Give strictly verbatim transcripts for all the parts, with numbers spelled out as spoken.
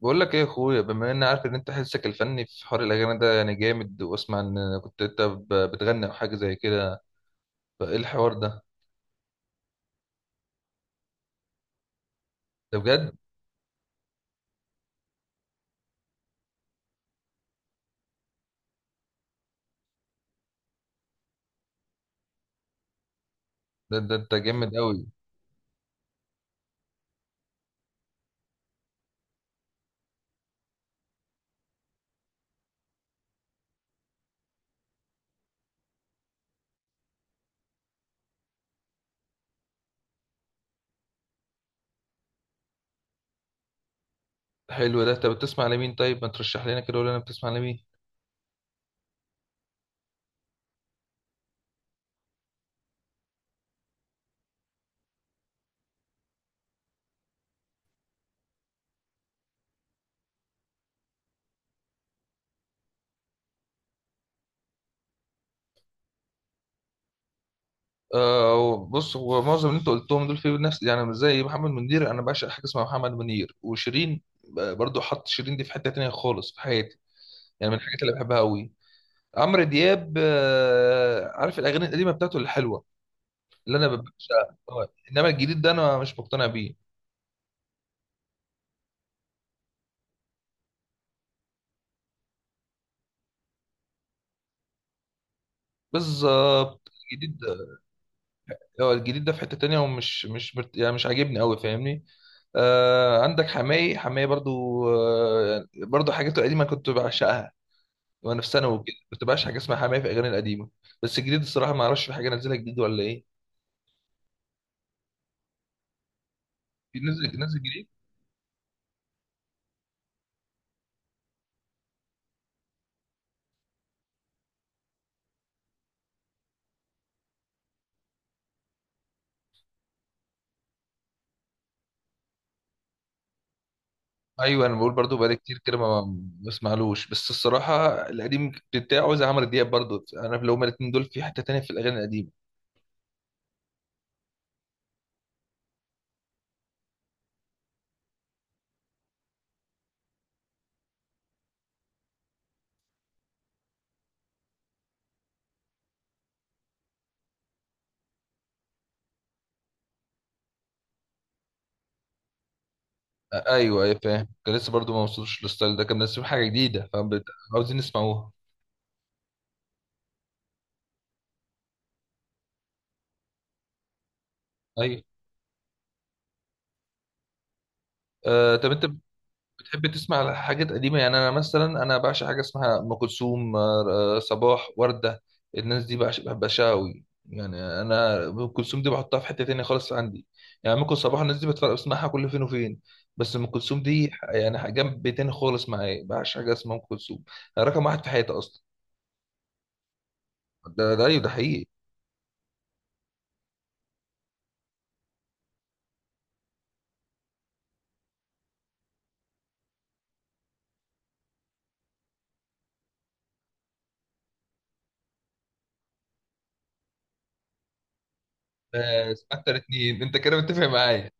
بقول لك ايه يا اخويا، بما اني عارف ان انت حسك الفني في حوار الاغاني ده يعني جامد، واسمع ان كنت انت ب- بتغني او حاجه زي كده، فايه الحوار ده؟ ده بجد؟ ده, ده انت جامد قوي. حلو، ده انت بتسمع لمين؟ طيب ما ترشح لنا كده، ولا انا بتسمع لمين؟ آه بص، هو معظم اللي انت قلتهم دول في نفس يعني، مش زي محمد منير. انا بعشق حاجه اسمها محمد منير، وشيرين ب- برضو، حط شيرين دي في حته تانية خالص في حياتي. يعني من الحاجات اللي بحبها قوي. عمرو دياب آه، عارف الاغاني القديمه بتاعته الحلوه اللي انا ببقاش. آه، انما الجديد ده انا مش مقتنع بيه. بالظبط الجديد ده. هو الجديد ده في حتة تانية، ومش مش مش- يعني مش عاجبني قوي، فاهمني؟ آه عندك حماي، حماي برضو. آه برضو حاجاته القديمة كنت بعشقها وانا في ثانوي وكده، كنت بعشق حاجة اسمها حماي في الاغاني القديمة. بس الجديد الصراحة ما اعرفش في حاجة نازلها جديد ولا ايه. في نزل نزل جديد. ايوه انا بقول برضو، بقالي كتير كده ما ما اسمعلوش، بس الصراحة القديم بتاعه زي عمرو دياب برضو، انا لو هما الاتنين دول في حتة تانية في الاغاني القديمة. ايوه ايوه فاهم، كان لسه برضو ما وصلوش للستايل ده، كان منزلين حاجه جديده فعاوزين نسمعوها. ايوه. آه طب انت بتحب تسمع حاجات قديمه؟ يعني انا مثلا انا بعشق حاجه اسمها ام كلثوم، آه آه، صباح، ورده، الناس دي بعشق بعشقها قوي يعني. انا ام كلثوم دي بحطها في حته تانية خالص عندي، يعني ممكن صباح الناس دي بتفرق بسمعها كل فين وفين، بس ام كلثوم دي يعني جنب تاني خالص معايا، بعشق حاجه اسمها ام كلثوم. رقم واحد في حياتي اصلا. ده ده ايوه ده حقيقي. بس اكتر اتنين انت كده متفق معايا.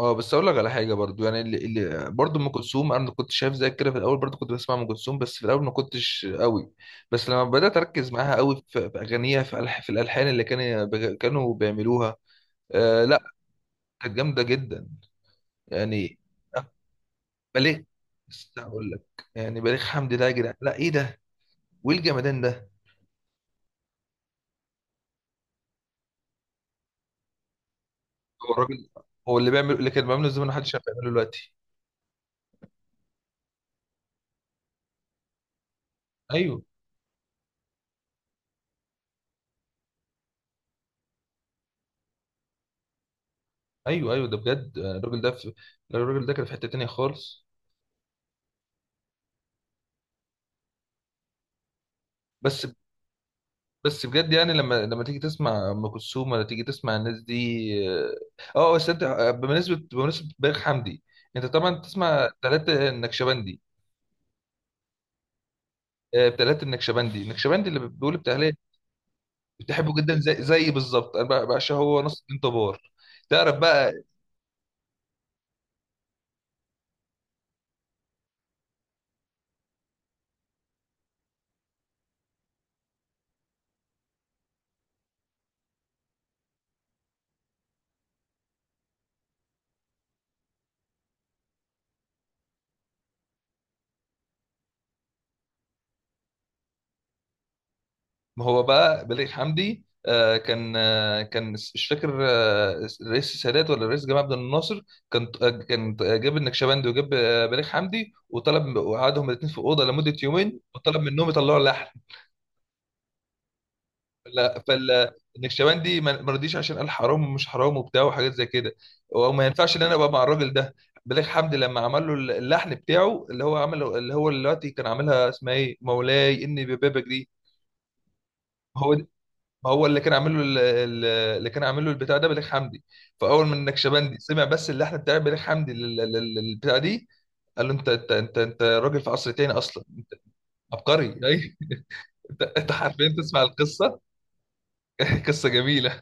اه بس اقول لك على حاجه برضو يعني، اللي, اللي برضو ام كلثوم، انا كنت شايف زي كده في الاول برضو، كنت بسمع ام كلثوم بس في الاول ما كنتش قوي. بس لما بدات اركز معاها قوي في في اغانيها، في ألح في الالحان اللي كانوا كانوا بيعملوها. آه لا، كانت جامده جدا يعني. أه، بليغ. لسه هقول لك، يعني بليغ حمدي ده يا جدعان، لا ايه ده وايه الجمدان ده؟ هو الراجل هو اللي بيعمل، اللي كان بيعمله زمان محدش عارف يعمله دلوقتي. ايوه ايوه ايوه ده بجد. آه، الراجل ده في، الراجل ده كان في حته تانيه خالص. بس بس بجد يعني، لما لما تيجي تسمع ام كلثوم ولا تيجي تسمع الناس دي. اه. آه، بس انت آه، بمناسبه بمناسبه بليغ حمدي، انت طبعا تسمع تلاتة النكشبندي؟ آه، تلاتة النكشبندي النكشبندي اللي بيقول بتاع ليه؟ بتحبه جدا زي زي بالظبط انا بقى- بعشقه، هو نص الدين طبار. تعرف بقى، ما هو بقى بليغ حمدي آه، كان آه، كان مش فاكر آه، الرئيس السادات ولا الرئيس جمال عبد الناصر، كان آه، كان آه، جاب النكشبندي وجاب آه، بليغ حمدي، وطلب وقعدهم الاثنين في اوضه لمده يومين وطلب منهم يطلعوا اللحن. فال- فالنكشبندي ما ما رضيش عشان قال حرام ومش حرام وبتاع وحاجات زي كده، وما ينفعش ان انا ابقى مع الراجل ده. بليغ حمدي لما عمل له اللحن بتاعه اللي هو عمله، اللي هو دلوقتي كان عاملها اسمها ايه، مولاي اني ببابك دي. هو ما هو اللي كان عامل له ال- ال- اللي كان عامل له البتاع ده بليغ حمدي. فاول ما النكشبندي سمع بس اللحن بتاع بليغ حمدي لل- لل- للبتاع دي، قال له انت انت انت انت راجل في عصر تاني اصلا. عبقري اي. انت انت حرفيا تسمع القصه. قصه جميله.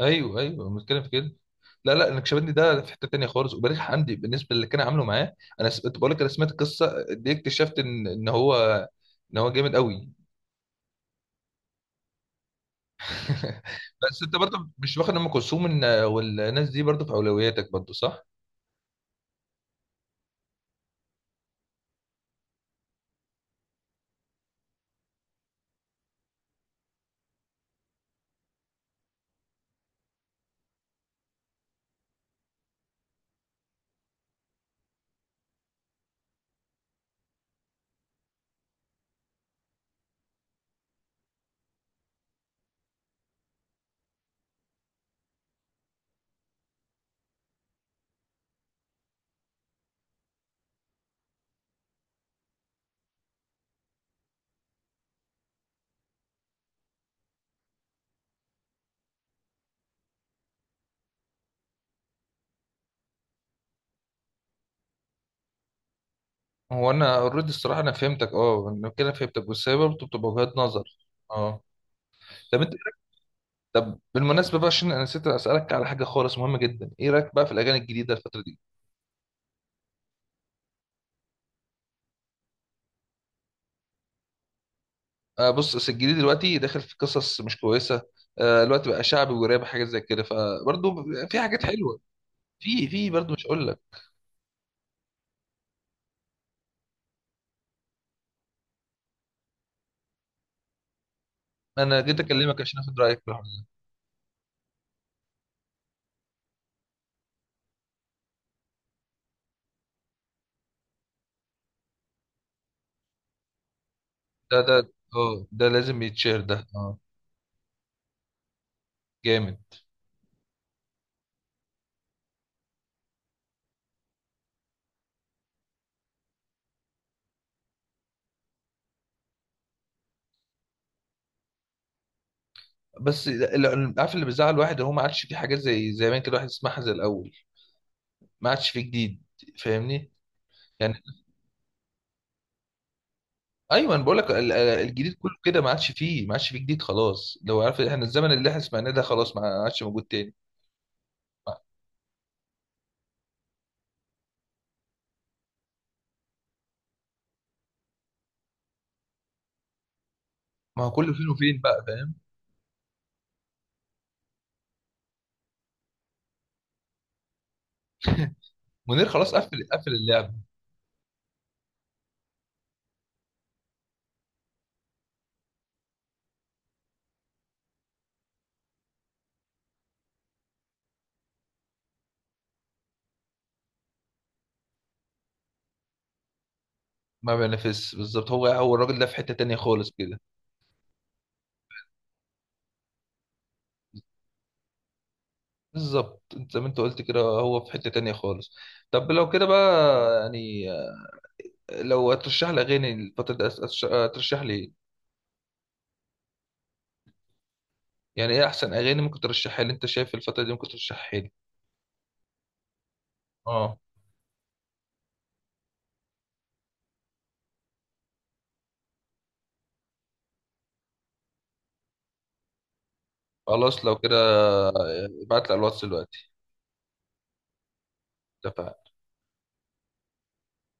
ايوه ايوه المشكله في كده. لا لا النكشبندي ده في حته تانيه خالص، وبليغ حمدي بالنسبه للي كان عامله معاه. انا س... كنت بقول لك انا سمعت القصه دي، اكتشفت ان ان هو ان هو جامد قوي. بس انت برضه مش واخد ام كلثوم ان- والناس دي برضه في اولوياتك برضه صح؟ هو انا اوريدي الصراحه انا فهمتك، اه انا كده فهمتك، بس هي برضه بتبقى وجهات نظر. اه طب انت، طب بالمناسبه بقى، عشان انا نسيت اسالك على حاجه خالص مهمه جدا، ايه رايك بقى في الاغاني الجديده الفتره دي؟ آه بص، أصل الجديد دلوقتي داخل في قصص مش كويسه. آه دلوقتي بقى شعبي وراب حاجات زي كده، فبرضه في حاجات حلوه، في في برضه مش هقول لك. انا جيت اكلمك عشان اخد رايك في الحوار. ده ده اه ده لازم يتشير، ده اه جامد. بس ال- ال- عارف اللي بيزعل الواحد، هو ما عادش في حاجات زي زمان كده الواحد يسمعها زي الاول، ما عادش في جديد. فاهمني يعني؟ ايوه انا بقول لك ال- ال- الجديد كله كده ما عادش فيه، ما عادش فيه جديد خلاص. لو عارف احنا الزمن اللي احنا سمعناه ده خلاص ما عادش موجود تاني. ما ما هو كله فين وفين بقى، فاهم. منير خلاص قفل، قفل اللعب. ما بينافسش بالظبط، هو هو الراجل ده في حتة تانية خالص كده. بالظبط انت زي ما انت قلت كده، هو في حتة تانية خالص. طب لو كده بقى يعني، لو هترشح لي اغاني الفترة دي هترشح لي إيه؟ يعني ايه احسن اغاني ممكن ترشحها لي انت شايف الفتره دي ممكن ترشحها لي؟ اه. خلاص لو كده آه، ابعت لي على الواتس دلوقتي. اتفقنا.